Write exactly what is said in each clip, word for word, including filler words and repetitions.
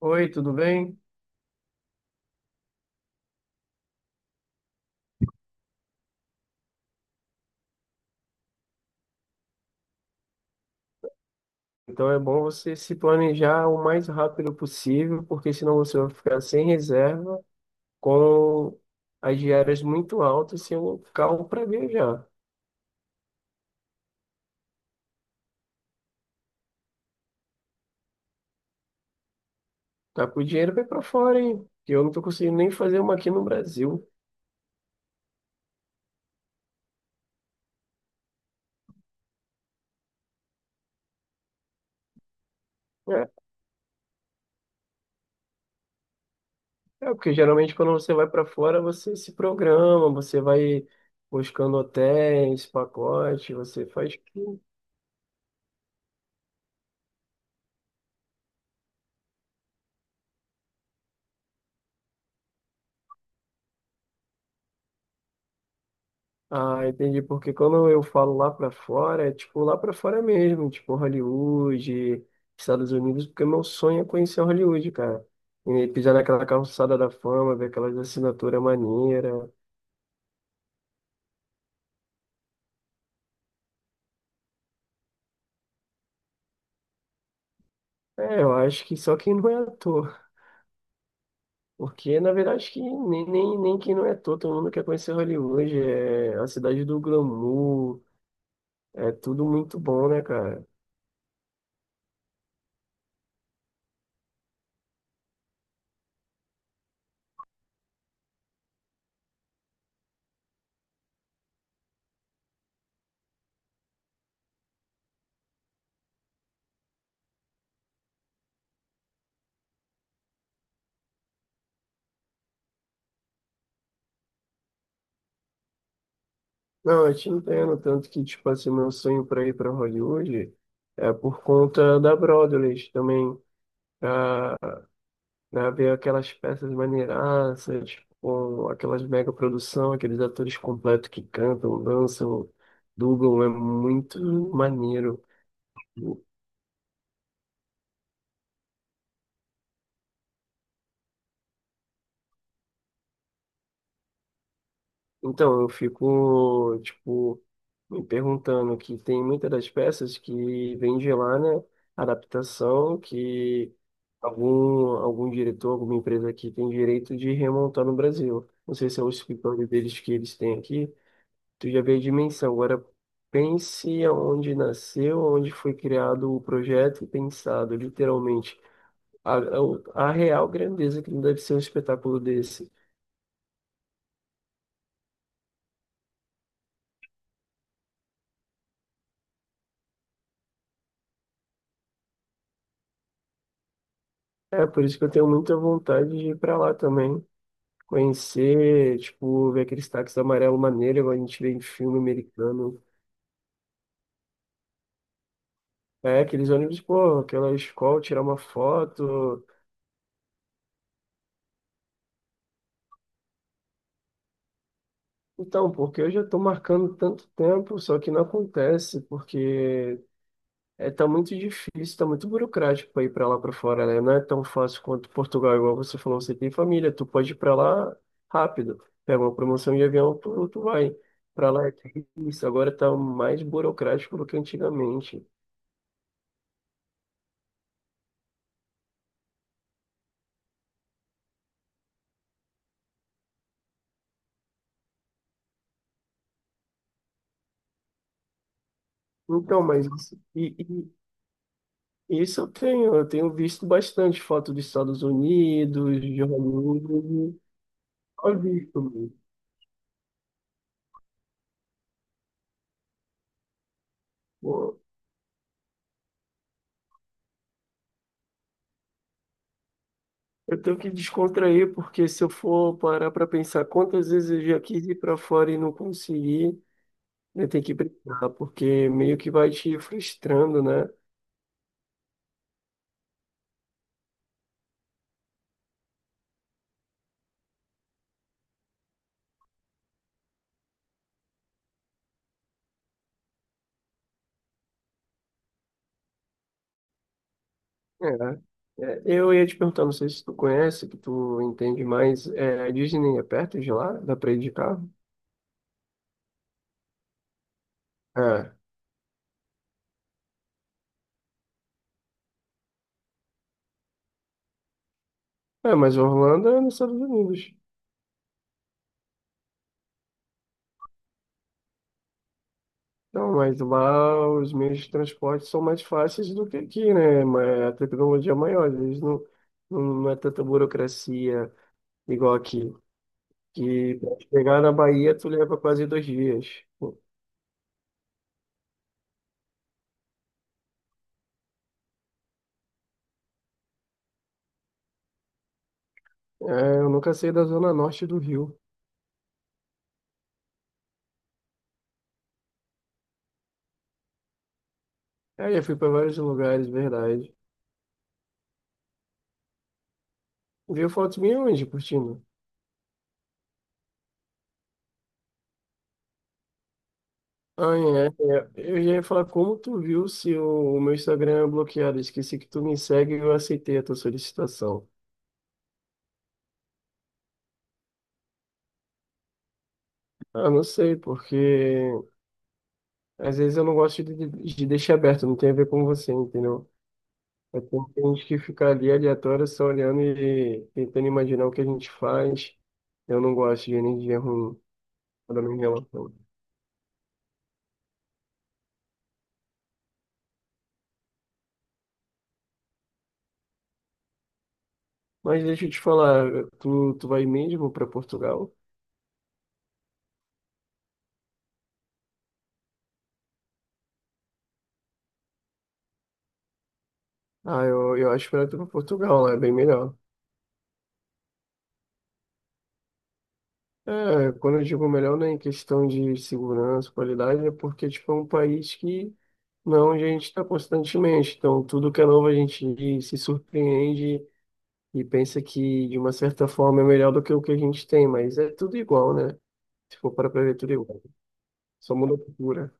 Oi, tudo bem? Então é bom você se planejar o mais rápido possível, porque senão você vai ficar sem reserva, com as diárias muito altas, sem o carro para viajar. Tá com o dinheiro vai para fora, hein? Que eu não tô conseguindo nem fazer uma aqui no Brasil. É, é porque geralmente quando você vai para fora, você se programa, você vai buscando hotéis, pacote, você faz. Ah, entendi, porque quando eu falo lá pra fora, é tipo lá pra fora mesmo, tipo Hollywood, Estados Unidos, porque meu sonho é conhecer Hollywood, cara. E pisar naquela calçada da fama, ver aquelas assinaturas maneiras. É, eu acho que só quem não é ator. Porque, na verdade, acho que nem, nem, nem quem não é ator, todo mundo quer conhecer Hollywood. É a cidade do glamour, é tudo muito bom, né, cara? Não, eu te entendo, tanto que, tipo assim, meu sonho pra ir pra Hollywood é por conta da Broadway também, né? Ver aquelas peças maneiraças, com aquelas mega produção, aqueles atores completos que cantam, dançam, dublam, é muito maneiro. Então, eu fico, tipo, me perguntando que tem muitas das peças que vem de lá, né? Adaptação que algum, algum diretor, alguma empresa aqui tem direito de remontar no Brasil. Não sei se é o escritório deles que eles têm aqui. Tu já vê a dimensão. Agora, pense aonde nasceu, onde foi criado o projeto e pensado, literalmente. A, a, a real grandeza que deve ser um espetáculo desse. É, por isso que eu tenho muita vontade de ir para lá também. Conhecer, tipo, ver aqueles táxis amarelo maneiro, igual a gente vê em filme americano. É, aqueles ônibus, pô, aquela escola, tirar uma foto. Então, porque eu já tô marcando tanto tempo, só que não acontece, porque é, tá muito difícil, tá muito burocrático para ir para lá para fora, né? Não é tão fácil quanto Portugal, igual você falou, você tem família, tu pode ir para lá rápido. Pega uma promoção de avião, tu, tu vai. Para lá é difícil, agora tá mais burocrático do que antigamente. Então, mas isso- e, Isso eu tenho, eu tenho visto bastante foto dos Estados Unidos, de Hollywood, só visto mesmo. Pô, eu tenho que descontrair, porque se eu for parar para pensar quantas vezes eu já quis ir para fora e não consegui, né, tem que brincar, porque meio que vai te frustrando, né? É. É, é, Eu ia te perguntar, não sei se tu conhece, que tu entende mais, é, a Disney é perto de lá? Dá para ir de carro? É. É, mas Orlando é nos Estados Unidos. Não, mas lá os meios de transporte são mais fáceis do que aqui, né? Mas a tecnologia é maior, às vezes não, não, não é tanta burocracia igual aqui. Que pra chegar na Bahia, tu leva quase dois dias. É, eu nunca saí da zona norte do Rio. É, já fui para vários lugares, verdade. Viu fotos minhas onde, curtindo? Ah, é, é. Eu já ia falar como tu viu se o, o meu Instagram é bloqueado. Esqueci que tu me segue e eu aceitei a tua solicitação. Ah, não sei, porque às vezes eu não gosto de, de deixar aberto, não tem a ver com você, entendeu? É, tem tem gente que fica ali aleatória só olhando e tentando imaginar o que a gente faz. Eu não gosto de energia ruim quando eu me relaciono. Mas deixa eu te falar, tu, tu vai mesmo para Portugal? Ah, eu, eu acho melhor tu para Portugal, lá é bem melhor. É, quando eu digo melhor, não é em questão de segurança, qualidade, é porque tipo, é um país que não, a gente está constantemente. Então, tudo que é novo a gente se surpreende e pensa que, de uma certa forma, é melhor do que o que a gente tem, mas é tudo igual, né? Se for para ver, é tudo igual. Só muda a cultura.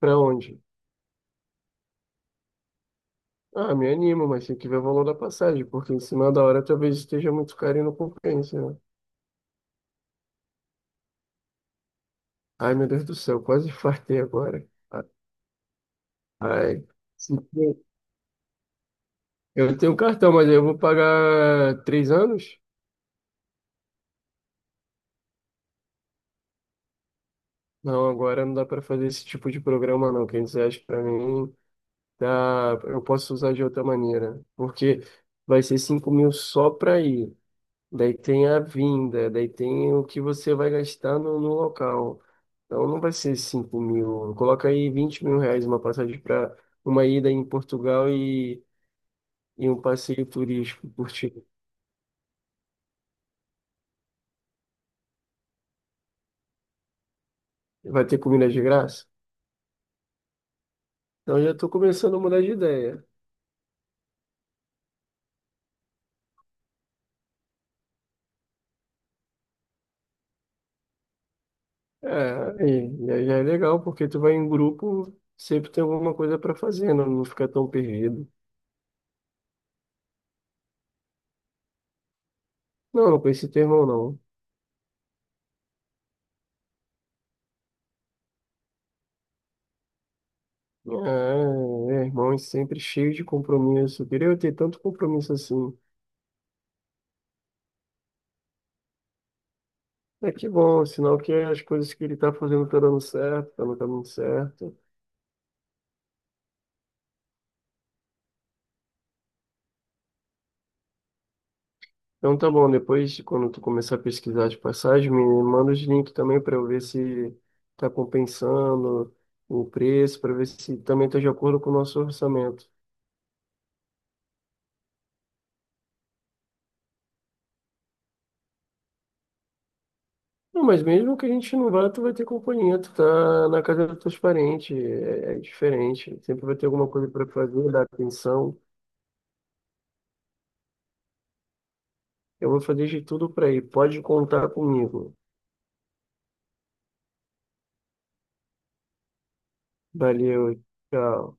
Para onde? Ah, me animo, mas tem que ver o valor da passagem, porque em cima da hora talvez esteja muito caro e não compensa, né? Ai, meu Deus do céu, quase fartei agora. Ai, se tem- eu tenho cartão, mas eu vou pagar três anos? Não, agora não dá para fazer esse tipo de programa, não. quinhentos reais para mim. Tá, eu posso usar de outra maneira, porque vai ser cinco mil só para ir, daí tem a vinda, daí tem o que você vai gastar no, no local. Então não vai ser cinco mil, coloca aí vinte mil reais uma passagem para uma ida em Portugal e, e um passeio turístico, curtir. Vai ter comida de graça? Então já estou começando a mudar de ideia. É, e, e aí já é legal, porque tu vai em grupo, sempre tem alguma coisa para fazer, não, não fica tão perdido. Não, não conheci teu irmão, não. Ah, é, irmão, é sempre cheio de compromisso. Queria eu queria ter tanto compromisso assim. É que bom, sinal que as coisas que ele tá fazendo tá dando certo, tá no caminho certo. Então tá bom, depois, quando tu começar a pesquisar de passagem, me manda os links também para eu ver se tá compensando o preço, para ver se também tá de acordo com o nosso orçamento. Não, mas mesmo que a gente não vá, tu vai ter companhia, tu tá na casa dos teus parentes, é, é diferente. Sempre vai ter alguma coisa para fazer, dar atenção. Eu vou fazer de tudo para ir. Pode contar comigo. Valeu, tchau.